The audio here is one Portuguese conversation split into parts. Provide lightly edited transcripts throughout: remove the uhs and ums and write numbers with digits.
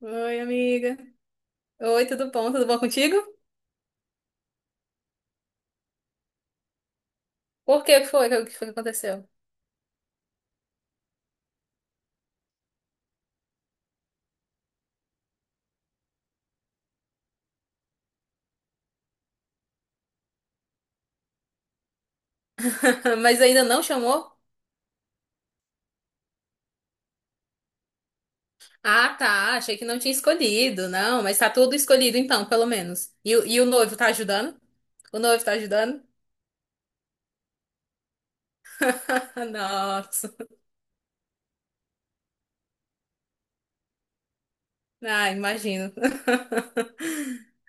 Oi, amiga. Oi, tudo bom? Tudo bom contigo? Por que foi? O que foi que aconteceu? Mas ainda não chamou? Ah, tá. Achei que não tinha escolhido. Não, mas tá tudo escolhido então, pelo menos. E, e o noivo tá ajudando? O noivo tá ajudando? Nossa. Ah, imagino.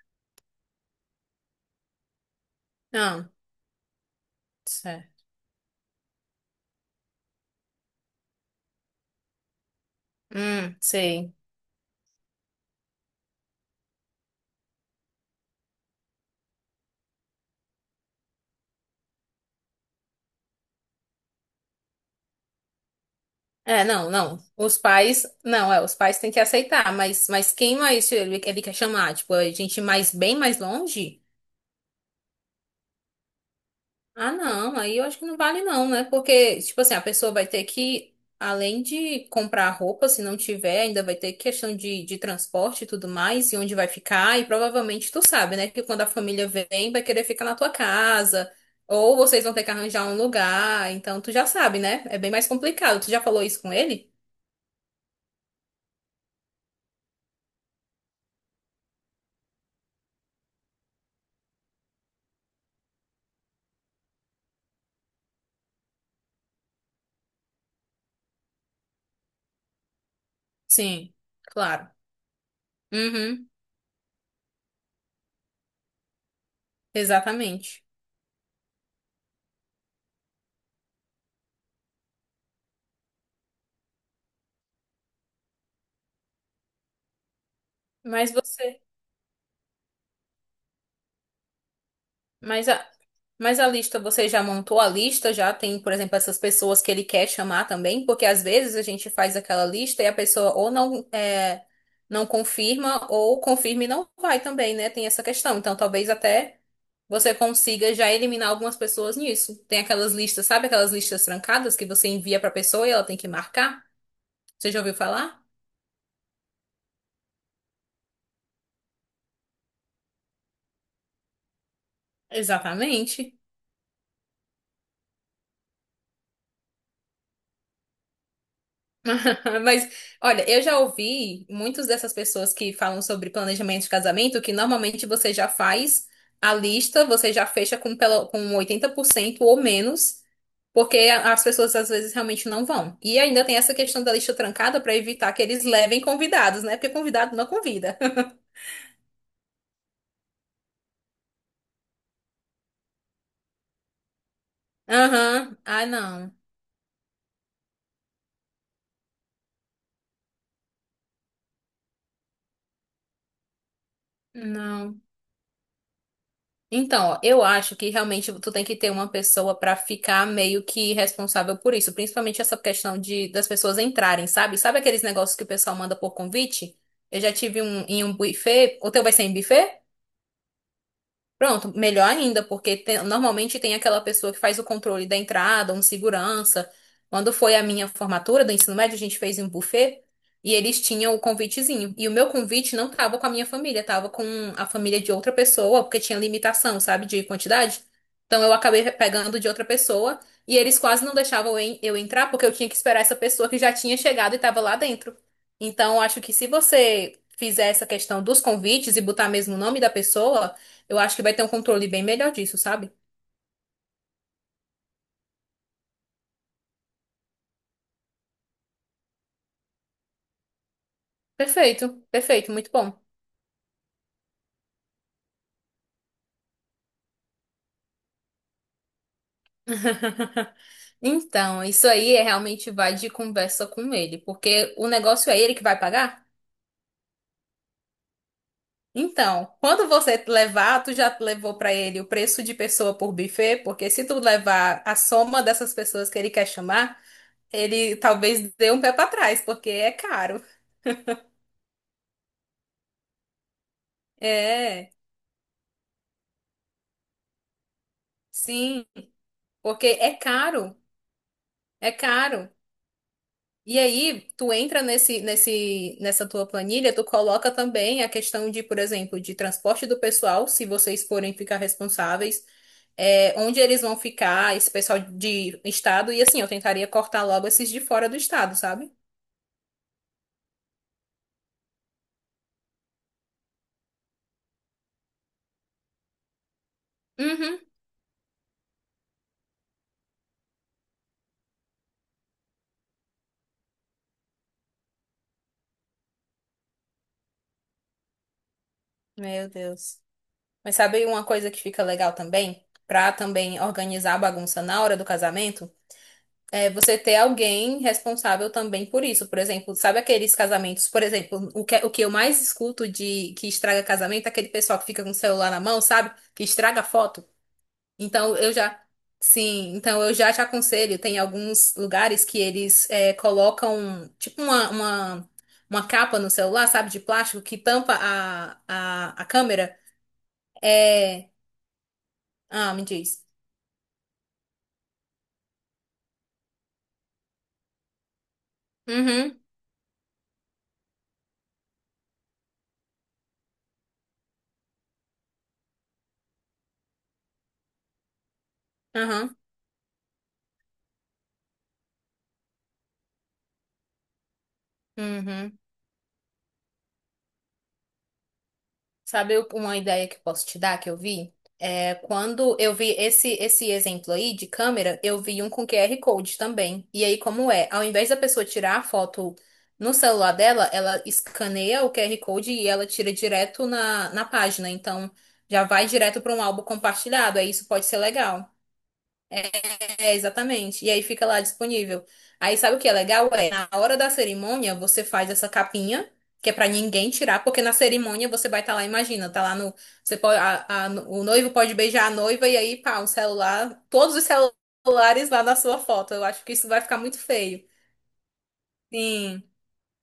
Não, certo. Sei. É, não, não. Os pais, não, é, os pais têm que aceitar, mas quem mais ele, quer chamar? Tipo, a gente mais bem mais longe? Ah, não, aí eu acho que não vale não, né? Porque, tipo assim, a pessoa vai ter que, além de comprar roupa, se não tiver, ainda vai ter questão de transporte e tudo mais, e onde vai ficar, e provavelmente tu sabe, né? Que quando a família vem, vai querer ficar na tua casa, ou vocês vão ter que arranjar um lugar, então tu já sabe, né? É bem mais complicado. Tu já falou isso com ele? Sim, claro. Uhum, exatamente. Mas você. Mas a, mas a lista, você já montou a lista? Já tem, por exemplo, essas pessoas que ele quer chamar também? Porque às vezes a gente faz aquela lista e a pessoa ou não, é, não confirma ou confirma e não vai também, né? Tem essa questão. Então talvez até você consiga já eliminar algumas pessoas nisso. Tem aquelas listas, sabe aquelas listas trancadas que você envia pra pessoa e ela tem que marcar? Você já ouviu falar? Exatamente. Mas, olha, eu já ouvi muitas dessas pessoas que falam sobre planejamento de casamento, que normalmente você já faz a lista, você já fecha com 80% ou menos, porque as pessoas às vezes realmente não vão. E ainda tem essa questão da lista trancada para evitar que eles levem convidados, né? Porque convidado não convida. Aham. Ah, não. Não. Então, ó, eu acho que realmente tu tem que ter uma pessoa pra ficar meio que responsável por isso, principalmente essa questão de das pessoas entrarem, sabe? Sabe aqueles negócios que o pessoal manda por convite? Eu já tive um em um buffet, o teu vai ser em buffet? Pronto, melhor ainda, porque normalmente tem aquela pessoa que faz o controle da entrada, um segurança. Quando foi a minha formatura do ensino médio, a gente fez em um buffet e eles tinham o convitezinho. E o meu convite não tava com a minha família, tava com a família de outra pessoa, porque tinha limitação, sabe, de quantidade. Então eu acabei pegando de outra pessoa e eles quase não deixavam eu entrar, porque eu tinha que esperar essa pessoa que já tinha chegado e tava lá dentro. Então, eu acho que se você fizer essa questão dos convites e botar mesmo o nome da pessoa. Eu acho que vai ter um controle bem melhor disso, sabe? Perfeito, perfeito, muito bom. Então, isso aí é realmente vai de conversa com ele, porque o negócio é ele que vai pagar. Então, quando você levar, tu já levou pra ele o preço de pessoa por buffet, porque se tu levar a soma dessas pessoas que ele quer chamar, ele talvez dê um pé pra trás, porque é caro. É, sim, porque é caro, é caro. E aí, tu entra nessa tua planilha, tu coloca também a questão de, por exemplo, de transporte do pessoal, se vocês forem ficar responsáveis, é, onde eles vão ficar, esse pessoal de estado, e assim, eu tentaria cortar logo esses de fora do estado, sabe? Uhum. Meu Deus. Mas sabe uma coisa que fica legal também? Pra também organizar a bagunça na hora do casamento? É, você ter alguém responsável também por isso. Por exemplo, sabe aqueles casamentos, por exemplo, o que eu mais escuto de que estraga casamento é aquele pessoal que fica com o celular na mão, sabe? Que estraga foto. Então eu já, sim, então eu já te aconselho, tem alguns lugares que eles é, colocam tipo uma capa no celular, sabe, de plástico que tampa a câmera. É. Ah, me diz. Uhum, uhum, uhum. Sabe uma ideia que eu posso te dar que eu vi? É, quando eu vi esse exemplo aí de câmera, eu vi um com QR Code também. E aí, como é? Ao invés da pessoa tirar a foto no celular dela, ela escaneia o QR Code e ela tira direto na página. Então, já vai direto para um álbum compartilhado. Aí isso pode ser legal. É, exatamente. E aí fica lá disponível. Aí sabe o que é legal? É, na hora da cerimônia, você faz essa capinha, que é pra ninguém tirar, porque na cerimônia você vai estar lá, imagina, tá lá no. Você pode, o noivo pode beijar a noiva e aí, pá, um celular, todos os celulares lá na sua foto. Eu acho que isso vai ficar muito feio. Sim.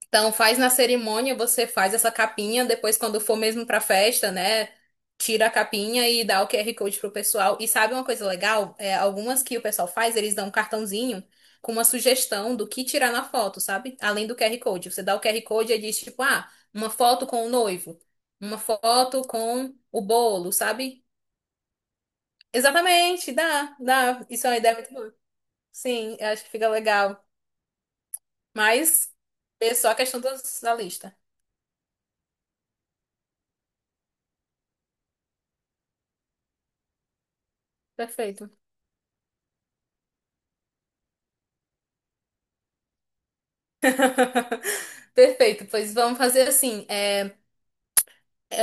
Então, faz na cerimônia, você faz essa capinha, depois quando for mesmo pra festa, né? Tira a capinha e dá o QR Code pro pessoal. E sabe uma coisa legal? É, algumas que o pessoal faz, eles dão um cartãozinho com uma sugestão do que tirar na foto, sabe? Além do QR Code. Você dá o QR Code e diz, tipo, ah, uma foto com o noivo, uma foto com o bolo, sabe? Exatamente, dá, dá. Isso é uma ideia muito boa. Sim, eu acho que fica legal. Mas é só a questão da lista. Perfeito. Perfeito, pois vamos fazer assim. É,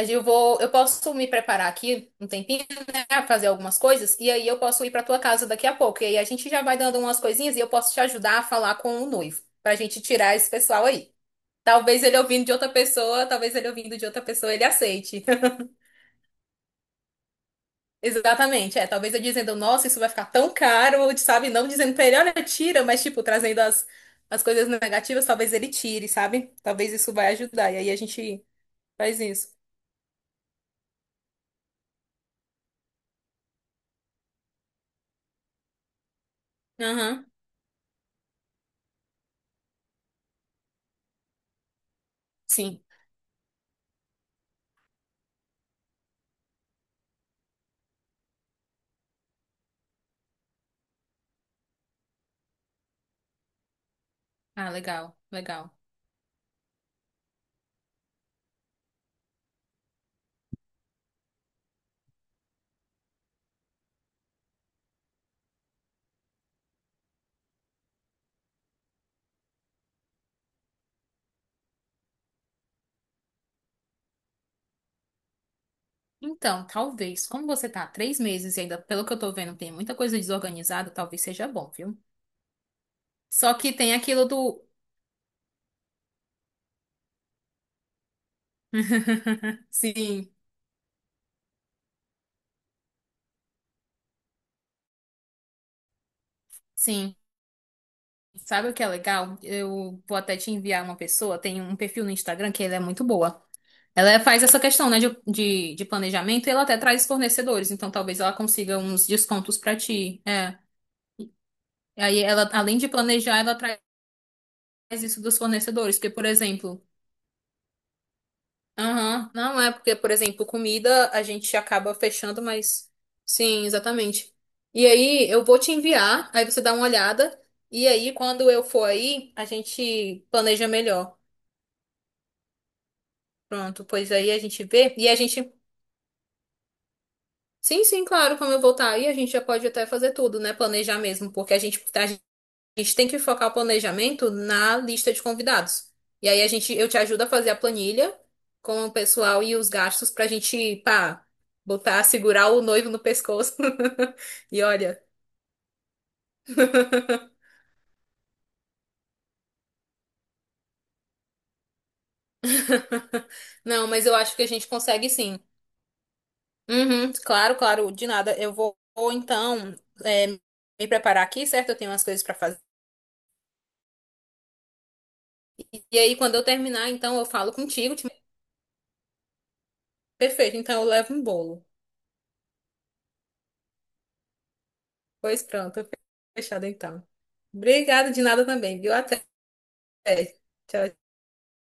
eu posso me preparar aqui um tempinho, né, fazer algumas coisas e aí eu posso ir para tua casa daqui a pouco. E aí a gente já vai dando umas coisinhas e eu posso te ajudar a falar com o noivo pra gente tirar esse pessoal aí. Talvez ele ouvindo de outra pessoa ele aceite. Exatamente, é. Talvez eu dizendo, nossa, isso vai ficar tão caro, sabe? Não dizendo pra ele, olha, tira, mas tipo trazendo as coisas negativas, talvez ele tire, sabe? Talvez isso vai ajudar. E aí a gente faz isso. Aham, sim. Ah, legal, legal. Então, talvez, como você tá há 3 meses e ainda, pelo que eu tô vendo, tem muita coisa desorganizada, talvez seja bom, viu? Só que tem aquilo do. Sim. Sim. Sabe o que é legal? Eu vou até te enviar uma pessoa, tem um perfil no Instagram que ela é muito boa. Ela faz essa questão, né, de planejamento e ela até traz fornecedores, então talvez ela consiga uns descontos pra ti. É. Aí ela, além de planejar, ela traz isso dos fornecedores, porque, por exemplo. Aham, não é porque, por exemplo, comida a gente acaba fechando, mas sim, exatamente. E aí eu vou te enviar, aí você dá uma olhada, e aí quando eu for aí, a gente planeja melhor. Pronto, pois aí a gente vê, e a gente, sim, sim, claro, quando eu voltar aí, a gente já pode até fazer tudo, né? Planejar mesmo, porque a gente tem que focar o planejamento na lista de convidados. E aí eu te ajudo a fazer a planilha com o pessoal e os gastos pra gente, pá, botar, segurar o noivo no pescoço. E olha. Não, mas eu acho que a gente consegue sim. Uhum, claro, claro, de nada. Eu vou, então é, me preparar aqui, certo? Eu tenho umas coisas pra fazer. E aí, quando eu terminar, então eu falo contigo. Perfeito, então eu levo um bolo. Pois pronto, fechado então. Obrigada de nada também, viu? Até. Tchau,